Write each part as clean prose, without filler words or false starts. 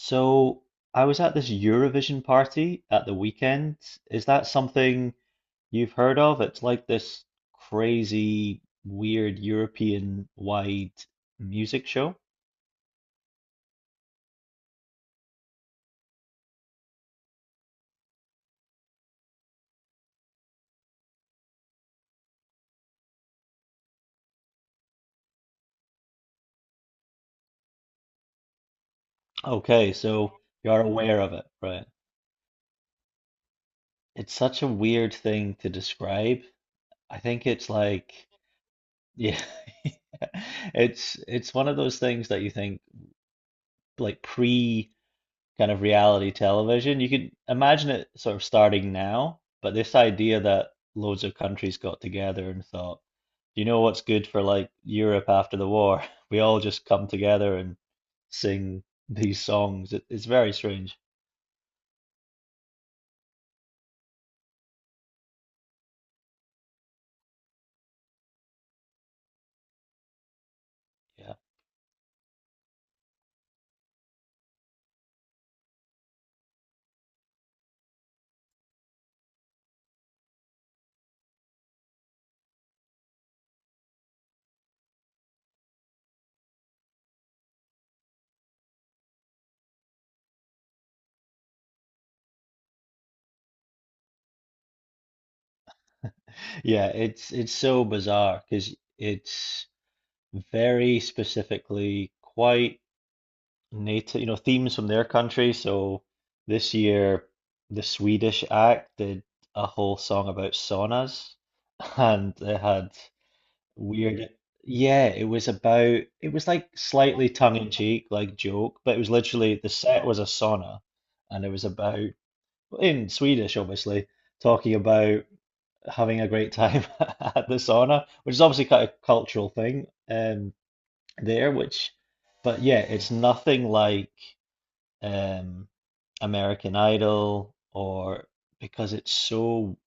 So I was at this Eurovision party at the weekend. Is that something you've heard of? It's like this crazy, weird European-wide music show. Okay, so you're aware of it, right? It's such a weird thing to describe. I think it's like, yeah, it's one of those things that you think like pre. Kind of reality television. You could imagine it sort of starting now, but this idea that loads of countries got together and thought, you know what's good for like Europe after the war? We all just come together and sing these songs. It's very strange. Yeah. Yeah, it's so bizarre because it's very specifically quite native, you know, themes from their country. So this year, the Swedish act did a whole song about saunas, and they had weird. Yeah, it was about. It was like slightly tongue in cheek, like joke, but it was literally the set was a sauna, and it was about in Swedish, obviously, talking about having a great time at the sauna, which is obviously kind of cultural thing there, which, but yeah, it's nothing like. Um, American Idol or because it's so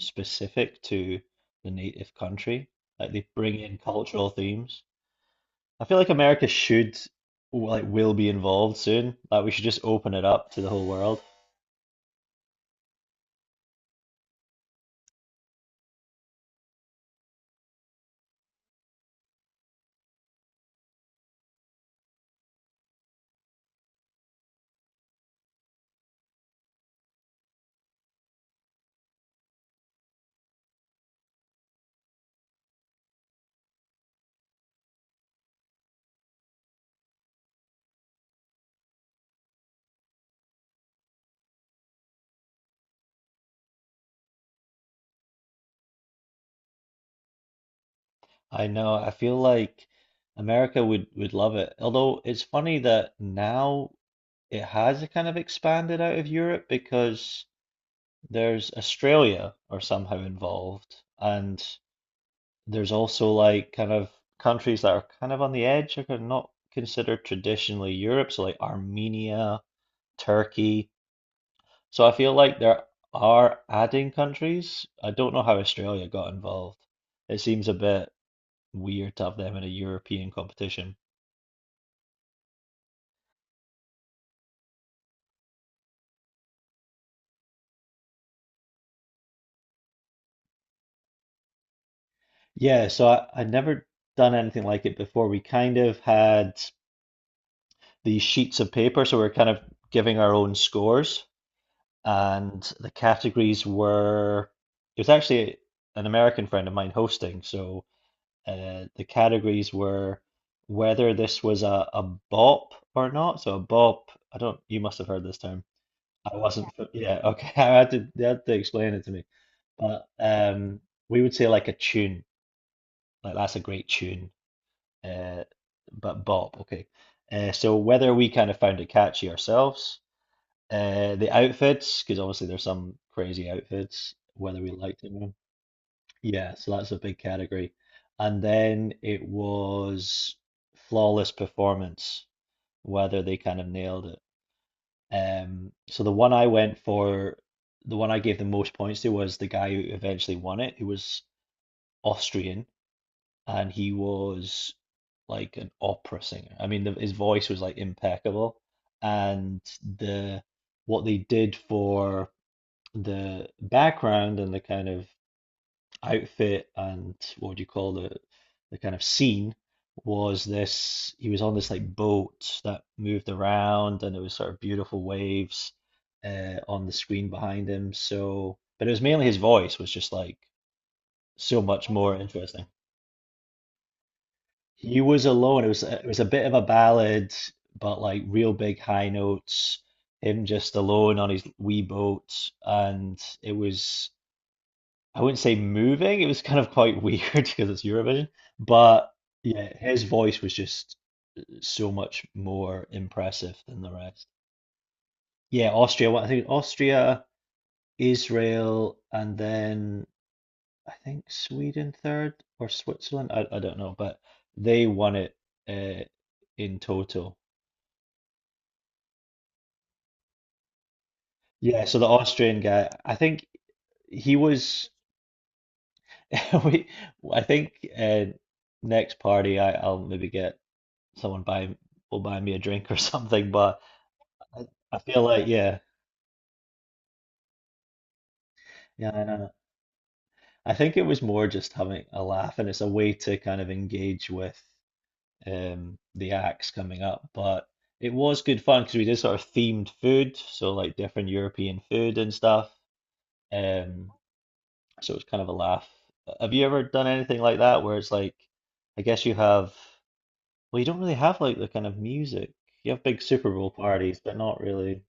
specific to the native country, like they bring in cultural themes. I feel like America should, like, will be involved soon. Like, we should just open it up to the whole world. I know, I feel like America would love it. Although it's funny that now it has a kind of expanded out of Europe because there's Australia are somehow involved and there's also like kind of countries that are kind of on the edge, are not considered traditionally Europe, so like Armenia, Turkey. So I feel like there are adding countries. I don't know how Australia got involved. It seems a bit weird to have them in a European competition. Yeah, so I'd never done anything like it before. We kind of had these sheets of paper, so we're kind of giving our own scores. And the categories were, it was actually an American friend of mine hosting, so the categories were whether this was a bop or not. So a bop, I don't, you must have heard this term. I wasn't, fa- yeah, okay. They had to explain it to me. But we would say like a tune, like that's a great tune, uh, but bop, okay. So whether we kind of found it catchy ourselves, the outfits, because obviously there's some crazy outfits, whether we liked it or not. Yeah, so that's a big category. And then it was flawless performance, whether they kind of nailed it. So the one I went for, the one I gave the most points to was the guy who eventually won it, who was Austrian, and he was like an opera singer. I mean, his voice was like impeccable, and the what they did for the background and the kind of outfit and what do you call the kind of scene was this, he was on this like boat that moved around, and it was sort of beautiful waves on the screen behind him. So but it was mainly his voice was just like so much more interesting. He was alone. It was a bit of a ballad, but like real big high notes, him just alone on his wee boat. And it was, I wouldn't say moving. It was kind of quite weird because it's Eurovision, but yeah, his voice was just so much more impressive than the rest. Yeah, Austria. Well, I think Austria, Israel, and then I think Sweden third or Switzerland. I don't know, but they won it, uh, in total. Yeah, so the Austrian guy, I think he was. We, I think, uh, next party, I'll maybe get someone buy will buy me a drink or something. But I, I feel like, yeah, yeah, I know. I think it was more just having a laugh, and it's a way to kind of engage with the acts coming up. But it was good fun because we did sort of themed food, so like different European food and stuff. Um, so it was kind of a laugh. Have you ever done anything like that where it's like, I guess you have, well, you don't really have like the kind of music. You have big Super Bowl parties, but not really.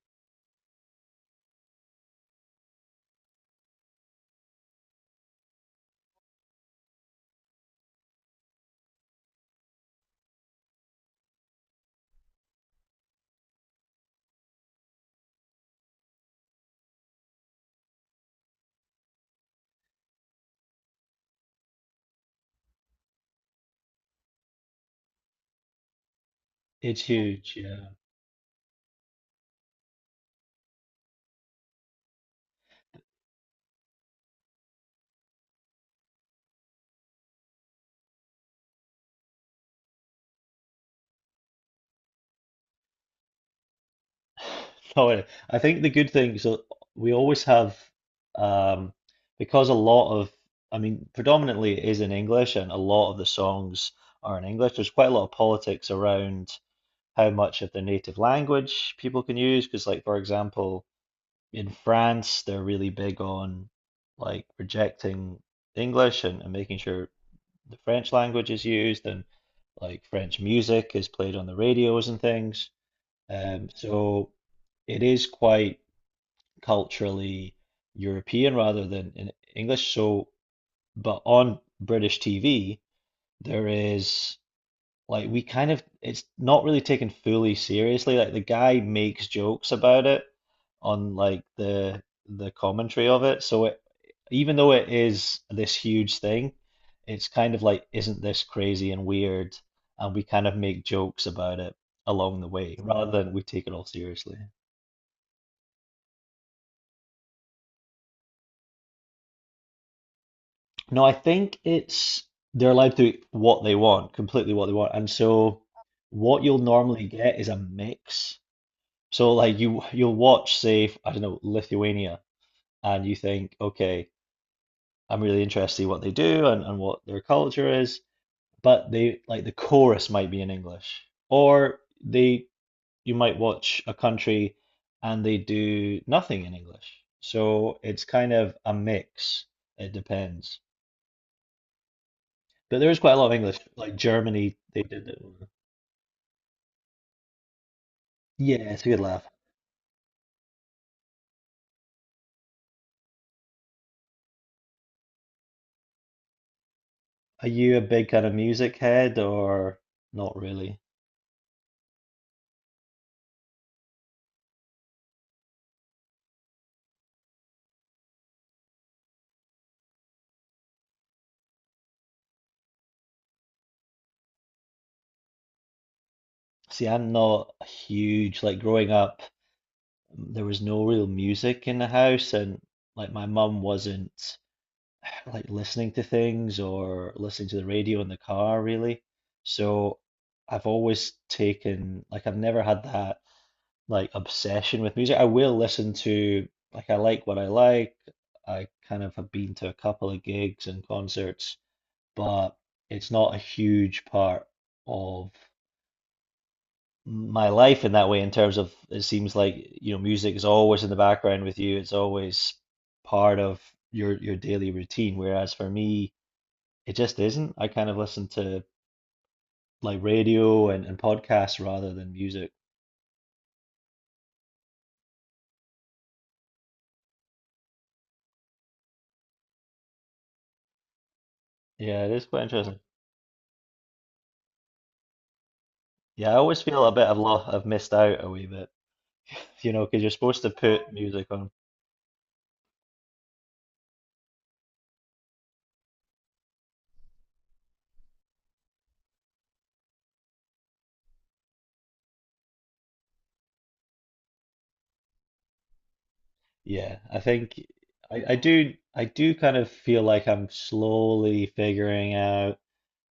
It's huge, yeah. No, I think the good thing, so we always have, um, because a lot of, I mean, predominantly it is in English, and a lot of the songs are in English. There's quite a lot of politics around how much of their native language people can use. Because, like, for example, in France, they're really big on like rejecting English, and making sure the French language is used and like French music is played on the radios and things. So it is quite culturally European rather than in English. So, but on British TV, there is like we kind of it's not really taken fully seriously. Like the guy makes jokes about it on like the commentary of it. So it, even though it is this huge thing, it's kind of like, isn't this crazy and weird? And we kind of make jokes about it along the way rather than we take it all seriously. No, I think it's they're allowed to eat what they want, completely what they want. And so what you'll normally get is a mix. So like you'll watch, say, I don't know, Lithuania, and you think, okay, I'm really interested in what they do, and what their culture is, but they like the chorus might be in English. Or they, you might watch a country and they do nothing in English. So it's kind of a mix. It depends. But there is quite a lot of English, like Germany, they did it. Yeah, it's a good laugh. Are you a big kind of music head or not really? See, I'm not huge. Like growing up, there was no real music in the house, and like my mum wasn't like listening to things or listening to the radio in the car, really. So I've always taken, like, I've never had that. Like obsession with music. I will listen to like I like what I like. I kind of have been to a couple of gigs and concerts, but it's not a huge part of my life in that way, in terms of it seems like, you know, music is always in the background with you. It's always part of your daily routine. Whereas for me, it just isn't. I kind of listen to like radio, and podcasts rather than music. Yeah, it is quite interesting. Yeah, I always feel a bit of lo, I've missed out a wee bit. You know, because you're supposed to put music on. Yeah, I think I do, I do kind of feel like I'm slowly figuring out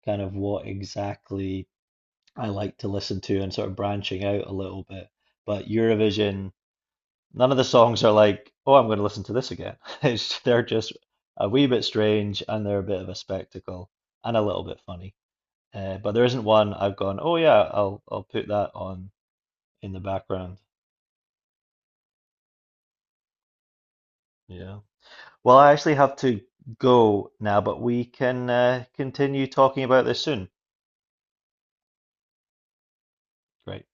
kind of what exactly I like to listen to and sort of branching out a little bit. But Eurovision, none of the songs are like, oh, I'm going to listen to this again. It's, they're just a wee bit strange and they're a bit of a spectacle and a little bit funny. But there isn't one I've gone, oh yeah, I'll put that on in the background. Yeah. Well, I actually have to go now, but we can continue talking about this soon. Great.